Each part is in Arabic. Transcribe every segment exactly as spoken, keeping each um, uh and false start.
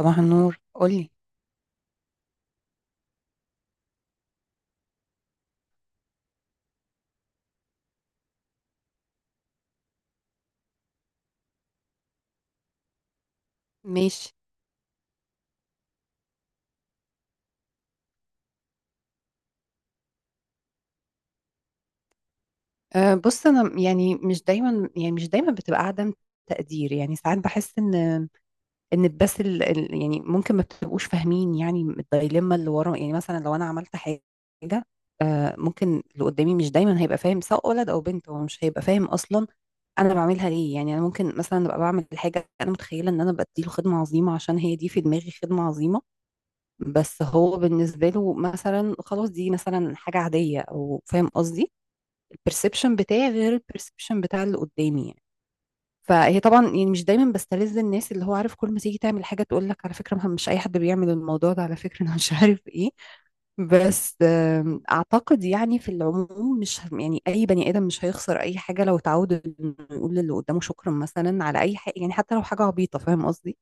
صباح النور، قولي. ماشي. أه، بص انا يعني مش دايما يعني مش دايما بتبقى عدم تقدير. يعني ساعات بحس ان ان بس ال ال- يعني ممكن ما بتبقوش فاهمين، يعني الدايليما اللي ورا. يعني مثلا لو انا عملت حاجه أه، ممكن اللي قدامي مش دايما هيبقى فاهم، سواء ولد او بنت هو مش هيبقى فاهم اصلا انا بعملها ليه. يعني انا ممكن مثلا ابقى بعمل حاجه انا متخيله ان انا بديله خدمه عظيمه عشان هي دي في دماغي خدمه عظيمه، بس هو بالنسبه له مثلا خلاص دي مثلا حاجه عاديه، او فاهم قصدي. الperception بتاعي غير الperception بتاع اللي قدامي يعني. فهي طبعا يعني مش دايما بستلذ الناس، اللي هو عارف كل ما تيجي تعمل حاجه تقول لك على فكره، مه- مش اي حد بيعمل الموضوع ده، على فكره انا مش عارف ايه. بس آم، اعتقد يعني في العموم، مش ه- يعني اي بني ادم مش هيخسر اي حاجه لو اتعود انه يقول للي قدامه شكرا مثلا على اي حاجه، يعني حتى لو حاجه عبيطه، فاهم قصدي.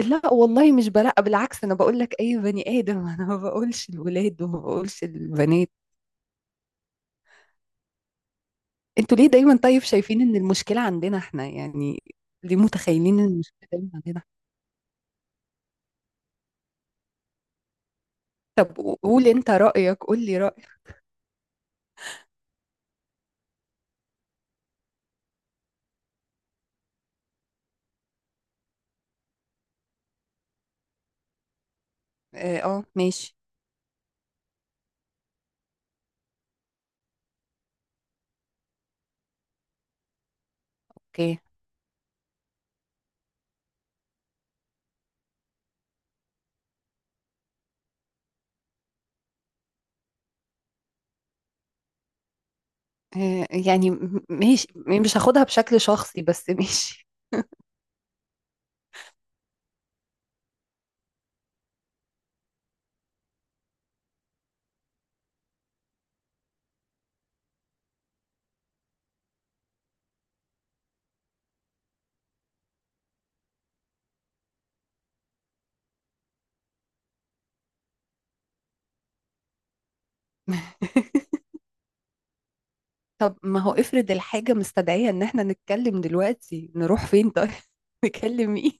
لا والله، مش بلا، بالعكس. انا بقول لك اي بني ادم انا ما بقولش الولاد وما بقولش البنات. انتوا ليه دايما؟ طيب، شايفين ان المشكلة عندنا احنا يعني؟ ليه متخيلين ان المشكلة دايما عندنا؟ طب قو- قول انت رأيك، قول لي رأيك. اه، اه، ماشي. اوكي. اه يعني م- ماشي، مش هاخدها بشكل شخصي، بس ماشي. طب ما هو افرض الحاجة مستدعية ان احنا نتكلم دلوقتي، نروح فين طيب؟ نكلم مين؟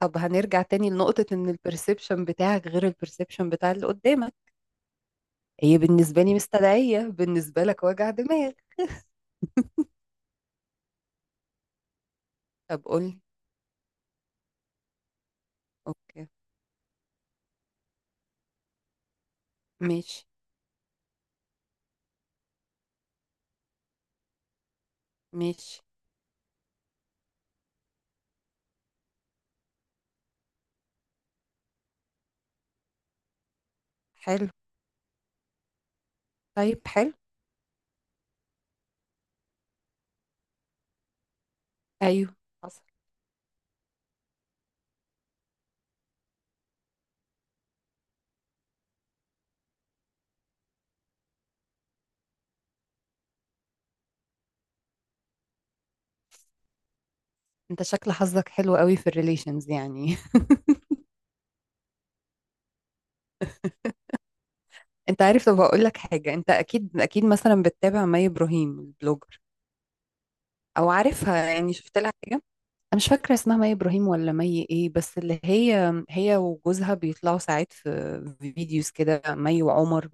طب هنرجع تاني لنقطة ان البرسبشن بتاعك غير البرسبشن بتاع اللي قدامك. هي بالنسبة لي مستدعية، بالنسبة لك وجع دماغ. طب قول لي. اوكي. ماشي. ماشي. حلو. طيب، حلو. ايوه، حصل. انت شكل حظك حلو قوي في الريليشنز يعني. انت عارف، طب اقول لك حاجه. انت اكيد اكيد مثلا بتتابع مي ابراهيم البلوجر، او عارفها يعني، شفت لها حاجه. انا مش فاكره اسمها مي ابراهيم ولا مي ايه، بس اللي هي هي وجوزها بيطلعوا ساعات في فيديوز كده، مي وعمر،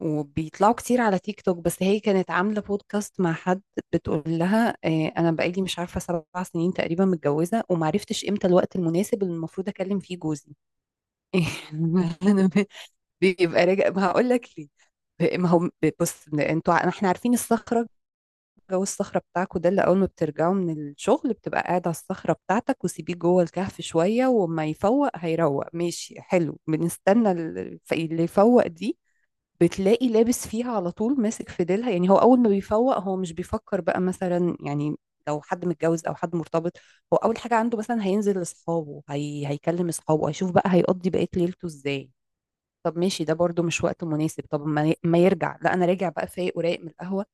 وبيطلعوا كتير على تيك توك. بس هي كانت عاملة بودكاست مع حد، بتقول لها آه، أنا بقالي مش عارفة سبع سنين تقريبا متجوزة، ومعرفتش إمتى الوقت المناسب اللي المفروض أكلم فيه جوزي. أنا ب- بيبقى راجع، ما هقول لك ليه. ما هو بص، انتوا ع- احنا عارفين الصخرة، جو الصخرة بتاعكوا ده، اللي أول ما بترجعوا من الشغل بتبقى قاعد على الصخرة بتاعتك، وسيبيه جوه الكهف شوية وما يفوق هيروق، ماشي حلو، بنستنى ال- الف- اللي يفوق دي. بتلاقي لابس فيها على طول، ماسك في ديلها يعني. هو اول ما بيفوق، هو مش بيفكر بقى مثلا يعني لو حد متجوز او حد مرتبط. هو اول حاجه عنده، مثلا هينزل لاصحابه، هي... هيكلم اصحابه، هيشوف بقى هيقضي بقيه ليلته ازاي. طب ماشي، ده برضو مش وقت مناسب. طب ما, ي... ما يرجع، لا انا راجع بقى فايق ورايق من القهوه،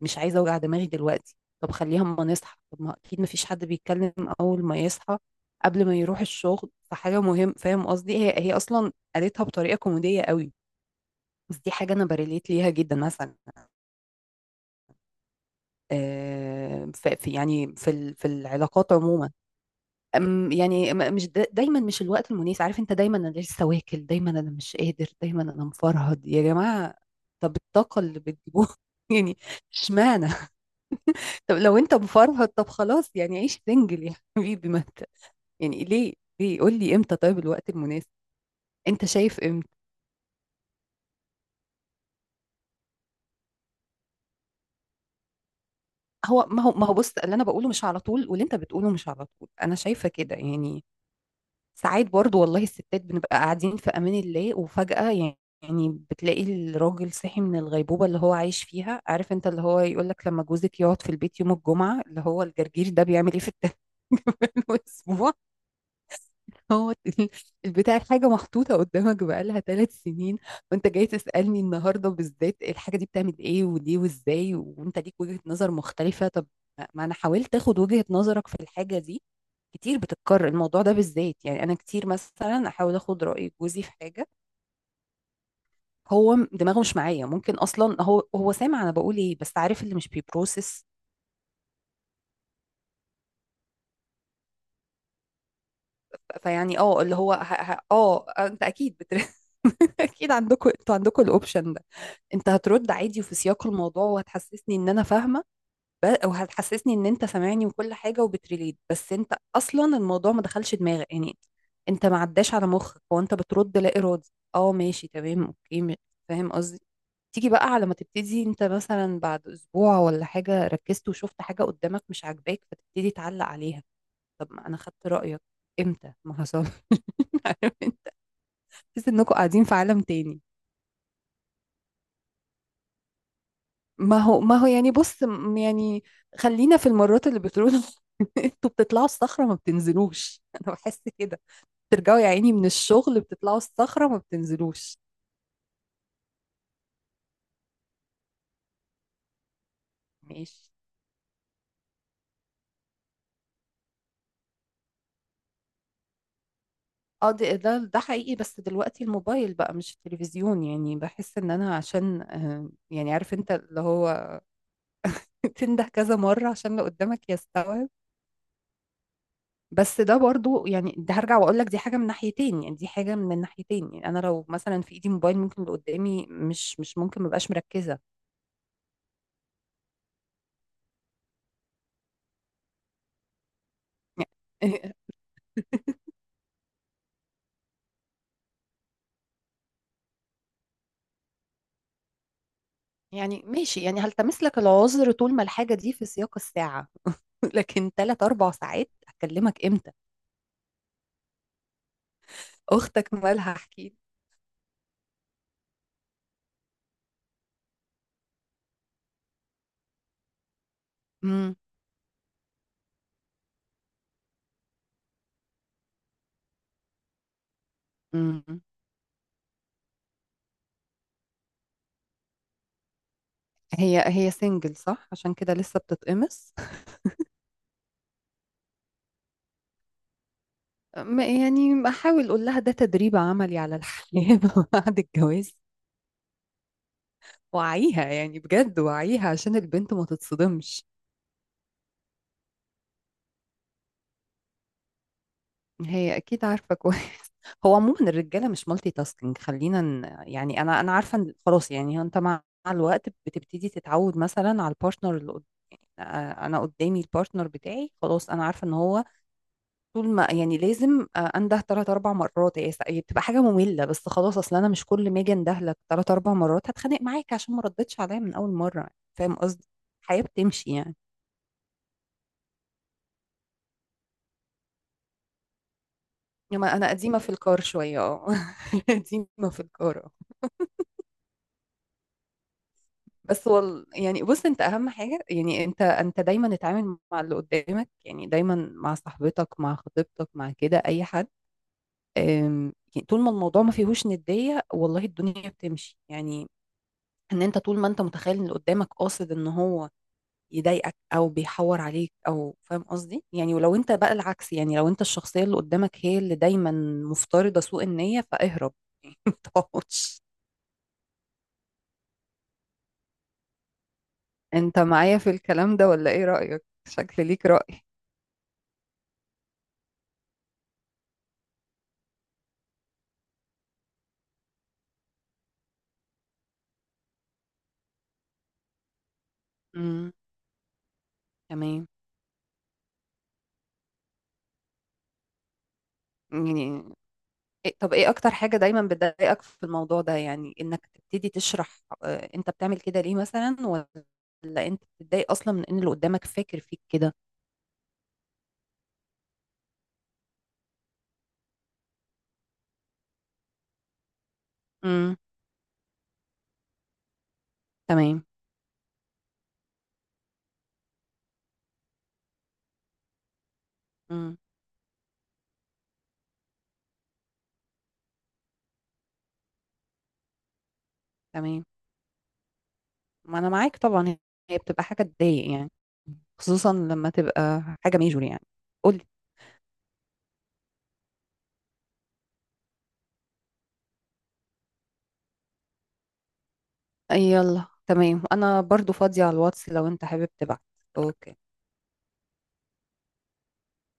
مش عايزه اوجع دماغي دلوقتي، طب خليها اما نصحى. طب ما اكيد ما فيش حد بيتكلم اول ما يصحى قبل ما يروح الشغل فحاجه مهم، فاهم قصدي. هي هي اصلا قالتها بطريقه كوميديه قوي، بس دي حاجة أنا بريليت ليها جدا مثلا. آه، ف- في يعني في ال- في العلاقات عموما، أم- يعني م- مش دا- دايما مش الوقت المناسب، عارف أنت، دايما أنا لسه واكل، دايما أنا مش قادر، دايما أنا مفرهد يا جماعة. طب الطاقة اللي بتجيبوها يعني، اشمعنى؟ طب لو أنت مفرهد طب خلاص يعني، عيش سنجل يا حبيبي، ما أنت يعني ليه ليه قول لي إمتى طيب الوقت المناسب، أنت شايف إمتى؟ هو ما هو ما هو بص، اللي أنا بقوله مش على طول، واللي أنت بتقوله مش على طول، أنا شايفة كده يعني. ساعات برضو والله، الستات بنبقى قاعدين في امان الله وفجأة يعني يعني بتلاقي الراجل صحي من الغيبوبة اللي هو عايش فيها. عارف انت اللي هو يقولك لما جوزك يقعد في البيت يوم الجمعة، اللي هو الجرجير ده بيعمل ايه في التمام؟ والاسبوع، هو ال- البتاع، الحاجة محطوطة قدامك بقالها ثلاث سنين، وانت جاي تسألني النهاردة بالذات الحاجة دي بتعمل ايه وليه وازاي، وانت ليك وجهة نظر مختلفة. طب ما انا حاولت اخد وجهة نظرك في الحاجة دي. كتير بتتكرر الموضوع ده بالذات، يعني انا كتير مثلا احاول اخد راي جوزي في حاجه، هو م- دماغه مش معايا، ممكن اصلا هو هو سامع انا بقول ايه، بس عارف اللي مش بيبروسس. فيعني اه، اللي هو ه... ه... اه انت اكيد بتر... اكيد عندكم انتوا، عندكم الاوبشن ده. انت هترد عادي وفي سياق الموضوع وهتحسسني ان انا فاهمه، ب- وهتحسسني ان انت سامعني، وكل حاجه، وبتريليت، بس انت اصلا الموضوع ما دخلش دماغك يعني، انت ما عداش على مخك، هو انت بترد لا ارادي. اه، ماشي، تمام، اوكي، م- فاهم قصدي. تيجي بقى على ما تبتدي انت مثلا بعد اسبوع ولا حاجة، ركزت وشفت حاجة قدامك مش عاجباك فتبتدي تعلق عليها. طب ما انا خدت رأيك امتى ما حصل؟ عارف انت؟ تحس انكم قاعدين في عالم تاني. ما هو ما هو يعني بص، م- يعني خلينا في المرات اللي بتقولوا. انتوا بتطلعوا الصخرة ما بتنزلوش. انا بحس كده، ترجعوا يا عيني من الشغل بتطلعوا الصخرة ما بتنزلوش. ماشي. اه، ده ده ده حقيقي، بس دلوقتي الموبايل بقى مش التلفزيون يعني، بحس ان انا عشان آه، يعني عارف انت اللي هو تنده كذا مرة عشان اللي قدامك يستوعب. بس ده برضو يعني، ده هرجع واقول لك، دي حاجة من ناحيتين يعني دي حاجة من الناحيتين يعني. انا لو مثلا في ايدي موبايل، ممكن اللي قدامي مش مش ممكن مبقاش مركزة. يعني ماشي، يعني هلتمس لك العذر طول ما الحاجة دي في سياق الساعة. لكن ثلاث أربع ساعات هكلمك امتى؟ اختك مالها، احكي. هي هي سنجل صح؟ عشان كده لسه بتتقمص. م- يعني احاول اقول لها ده تدريب عملي على الحياة بعد الجواز. وعيها يعني بجد، وعيها عشان البنت ما تتصدمش. هي اكيد عارفة كويس. هو عموما الرجالة مش مالتي تاسكينج، خلينا ن- يعني، انا انا عارفة إن خلاص يعني، انت مع مع الوقت بتبتدي تتعود مثلا على البارتنر اللي قد- آه، انا قدامي البارتنر بتاعي، خلاص انا عارفة ان هو طول ما، يعني لازم، آه، انده ثلاث أربع مرات، هي سا- هي بتبقى حاجه ممله، بس خلاص، اصل انا مش كل ما اجي انده لك ثلاث أربع مرات هتخانق معاك عشان ما ردتش عليا من اول مره، فاهم قصدي. الحياه بتمشي يعني. انما انا قديمه في الكار شويه، اه. قديمه في الكار آه. بس وال... يعني بص، انت اهم حاجه يعني، انت انت دايما اتعامل مع اللي قدامك يعني، دايما مع صاحبتك، مع خطيبتك، مع كده اي حد. أم، يعني طول ما الموضوع ما فيهوش ندية، والله الدنيا بتمشي يعني. ان انت طول ما انت متخيل ان اللي قدامك قاصد ان هو يضايقك او بيحور عليك، او فاهم قصدي يعني. ولو انت بقى العكس يعني، لو انت الشخصية اللي قدامك هي اللي دايما مفترضة سوء النية، فاهرب. متقعدش. انت معايا في الكلام ده ولا ايه رأيك؟ شكل ليك رأي. امم تمام. يعني إيه، طب ايه اكتر حاجة دايما بتضايقك في الموضوع ده، يعني انك تبتدي تشرح آه، انت بتعمل كده ليه مثلا؟ ولا انت بتتضايق اصلا من ان اللي قدامك فاكر فيك كده؟ امم تمام. مم. تمام. ما انا معاك طبعا. هي بتبقى حاجه تضايق يعني، خصوصا لما تبقى حاجه ميجور يعني. قولي. يلا تمام، انا برضو فاضيه على الواتس لو انت حابب تبعت. اوكي.